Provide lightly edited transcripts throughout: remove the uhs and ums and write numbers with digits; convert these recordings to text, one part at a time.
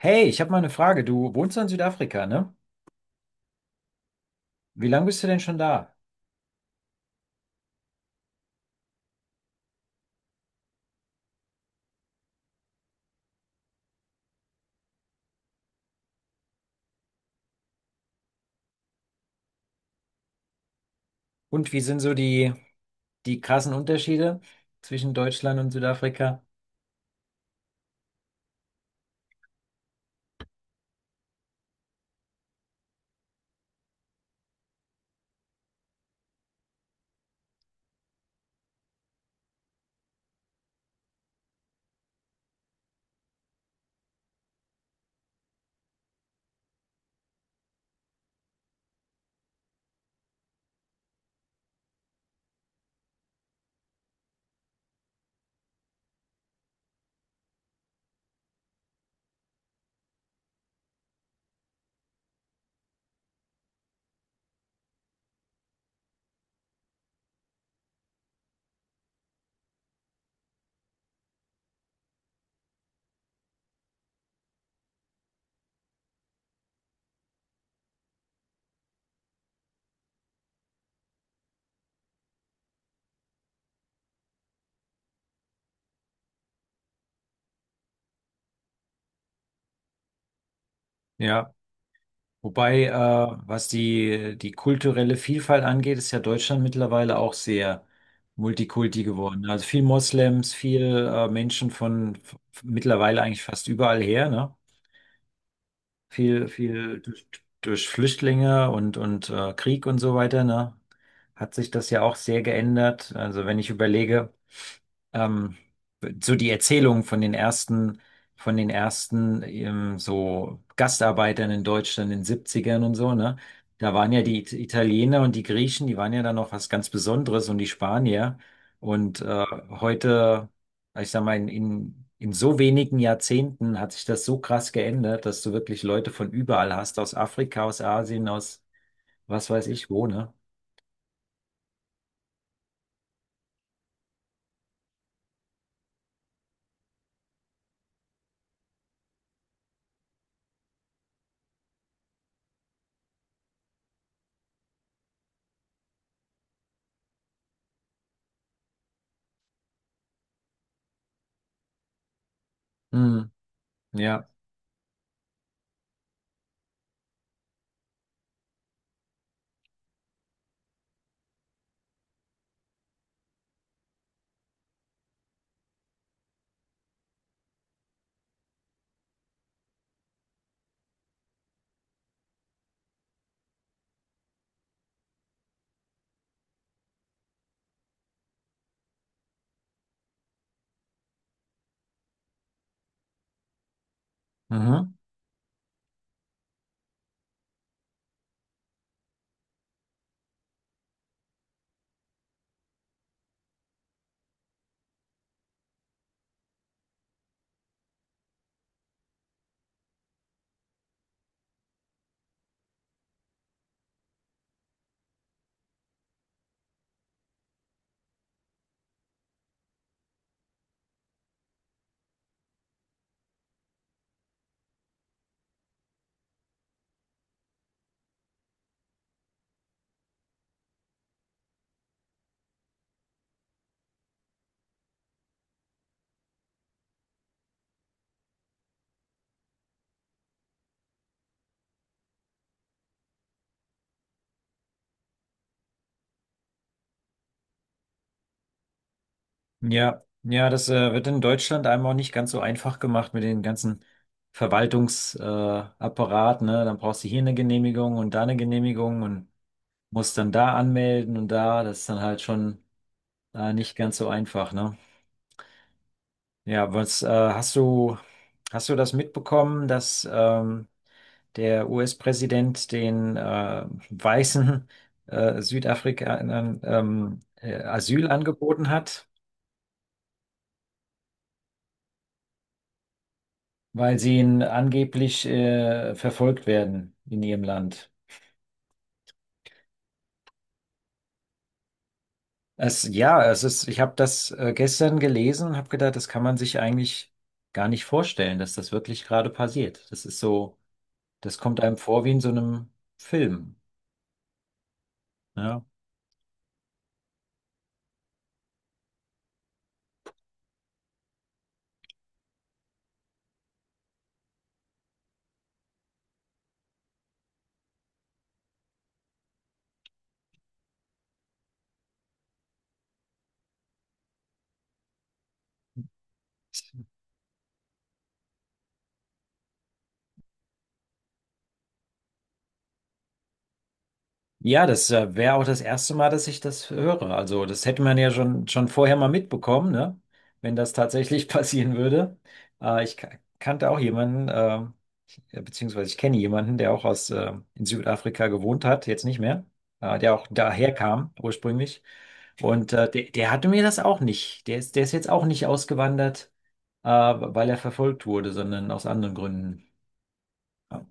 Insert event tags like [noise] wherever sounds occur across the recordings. Hey, ich habe mal eine Frage. Du wohnst in Südafrika, ne? Wie lange bist du denn schon da? Und wie sind so die krassen Unterschiede zwischen Deutschland und Südafrika? Ja. Wobei, was die kulturelle Vielfalt angeht, ist ja Deutschland mittlerweile auch sehr multikulti geworden. Also viel Moslems, viel Menschen mittlerweile eigentlich fast überall her, ne? Viel durch Flüchtlinge und Krieg und so weiter, ne, hat sich das ja auch sehr geändert. Also wenn ich überlege, ähm, so die Erzählungen von den ersten so Gastarbeitern in Deutschland in den Siebzigern und so, ne? Da waren ja die Italiener und die Griechen, die waren ja dann noch was ganz Besonderes und die Spanier. Und heute, ich sag mal, in so wenigen Jahrzehnten hat sich das so krass geändert, dass du wirklich Leute von überall hast, aus Afrika, aus Asien, aus was weiß ich wo, ne? Hm, ja. Mhm. Ja, ja, das wird in Deutschland einem auch nicht ganz so einfach gemacht mit den ganzen Apparat, ne? Dann brauchst du hier eine Genehmigung und da eine Genehmigung und musst dann da anmelden und da, das ist dann halt schon nicht ganz so einfach, ne? Ja, was hast du das mitbekommen, dass der US-Präsident den weißen Südafrikanern Asyl angeboten hat? Weil sie in, angeblich verfolgt werden in ihrem Land. Es ist, ich habe das gestern gelesen und habe gedacht, das kann man sich eigentlich gar nicht vorstellen, dass das wirklich gerade passiert. Das ist so, das kommt einem vor wie in so einem Film. Ja. Ja, das wäre auch das erste Mal, dass ich das höre. Also, das hätte man ja schon vorher mal mitbekommen, ne? Wenn das tatsächlich [laughs] passieren würde. Ich kannte auch jemanden, beziehungsweise ich kenne jemanden, der auch in Südafrika gewohnt hat, jetzt nicht mehr, der auch daher kam ursprünglich. Und der hatte mir das auch nicht. Der ist jetzt auch nicht ausgewandert, weil er verfolgt wurde, sondern aus anderen Gründen. Ja.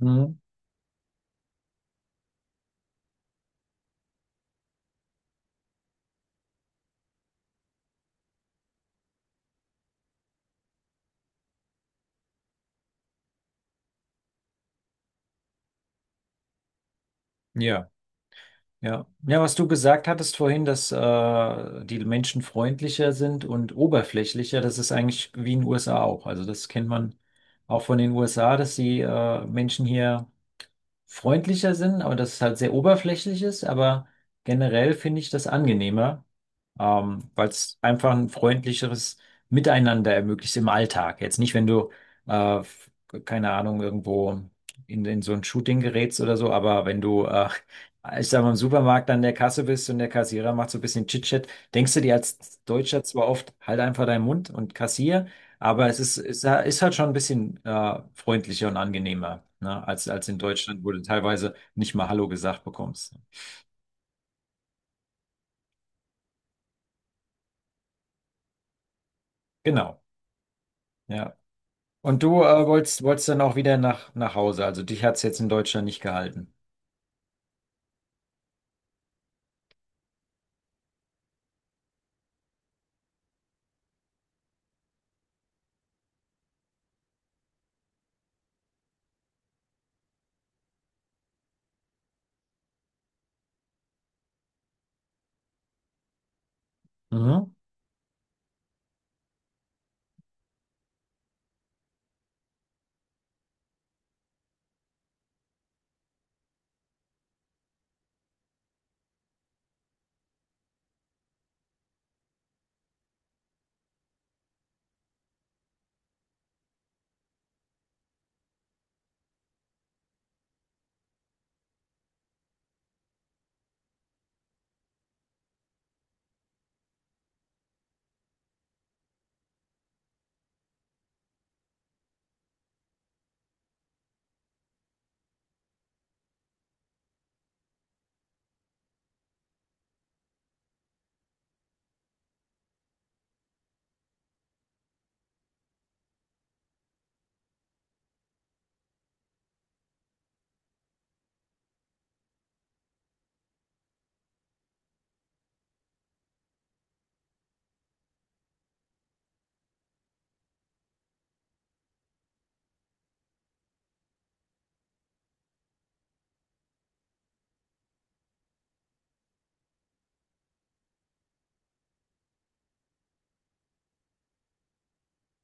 Mhm. Ja. Ja. Ja, was du gesagt hattest vorhin, dass die Menschen freundlicher sind und oberflächlicher, das ist eigentlich wie in den USA auch. Also das kennt man auch von den USA, dass die Menschen hier freundlicher sind, aber dass es halt sehr oberflächlich ist. Aber generell finde ich das angenehmer, weil es einfach ein freundlicheres Miteinander ermöglicht im Alltag. Jetzt nicht, wenn äh, f- keine Ahnung, irgendwo in so ein Shooting gerätst oder so, aber wenn ich sag mal, im Supermarkt an der Kasse bist und der Kassierer macht so ein bisschen Chit-Chat, denkst du dir als Deutscher zwar oft, halt einfach deinen Mund und kassier, aber es ist halt schon ein bisschen freundlicher und angenehmer, ne? Als in Deutschland, wo du teilweise nicht mal Hallo gesagt bekommst. Genau, ja. Und du wolltest dann auch wieder nach Hause. Also dich hat es jetzt in Deutschland nicht gehalten. Mhm.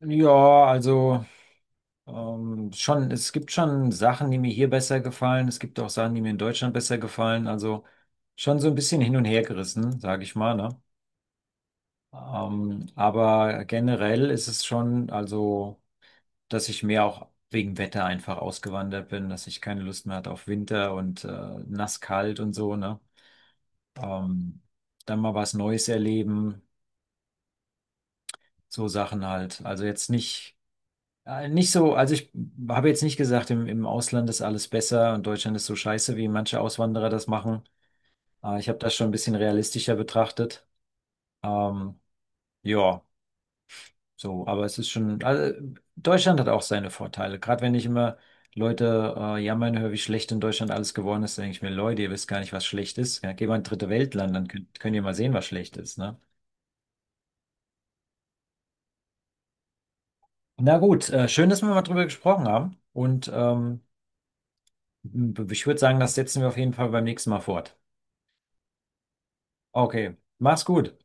Ja, also schon, es gibt schon Sachen, die mir hier besser gefallen. Es gibt auch Sachen, die mir in Deutschland besser gefallen. Also schon so ein bisschen hin und her gerissen, sage ich mal, ne? Aber generell ist es schon, also dass ich mehr auch wegen Wetter einfach ausgewandert bin, dass ich keine Lust mehr hatte auf Winter und nass kalt und so, ne? Ähm, dann mal was Neues erleben, so Sachen halt. Also jetzt nicht, ich habe jetzt nicht gesagt, im Ausland ist alles besser und Deutschland ist so scheiße, wie manche Auswanderer das machen. Ich habe das schon ein bisschen realistischer betrachtet. Ähm, ja. So, aber es ist schon, also Deutschland hat auch seine Vorteile. Gerade wenn ich immer Leute jammern höre, wie schlecht in Deutschland alles geworden ist, denke ich mir, Leute, ihr wisst gar nicht, was schlecht ist. Ja, geht mal in ein dritte Weltland, dann könnt ihr mal sehen, was schlecht ist, ne? Na gut, schön, dass wir mal drüber gesprochen haben. Und ich würde sagen, das setzen wir auf jeden Fall beim nächsten Mal fort. Okay, mach's gut.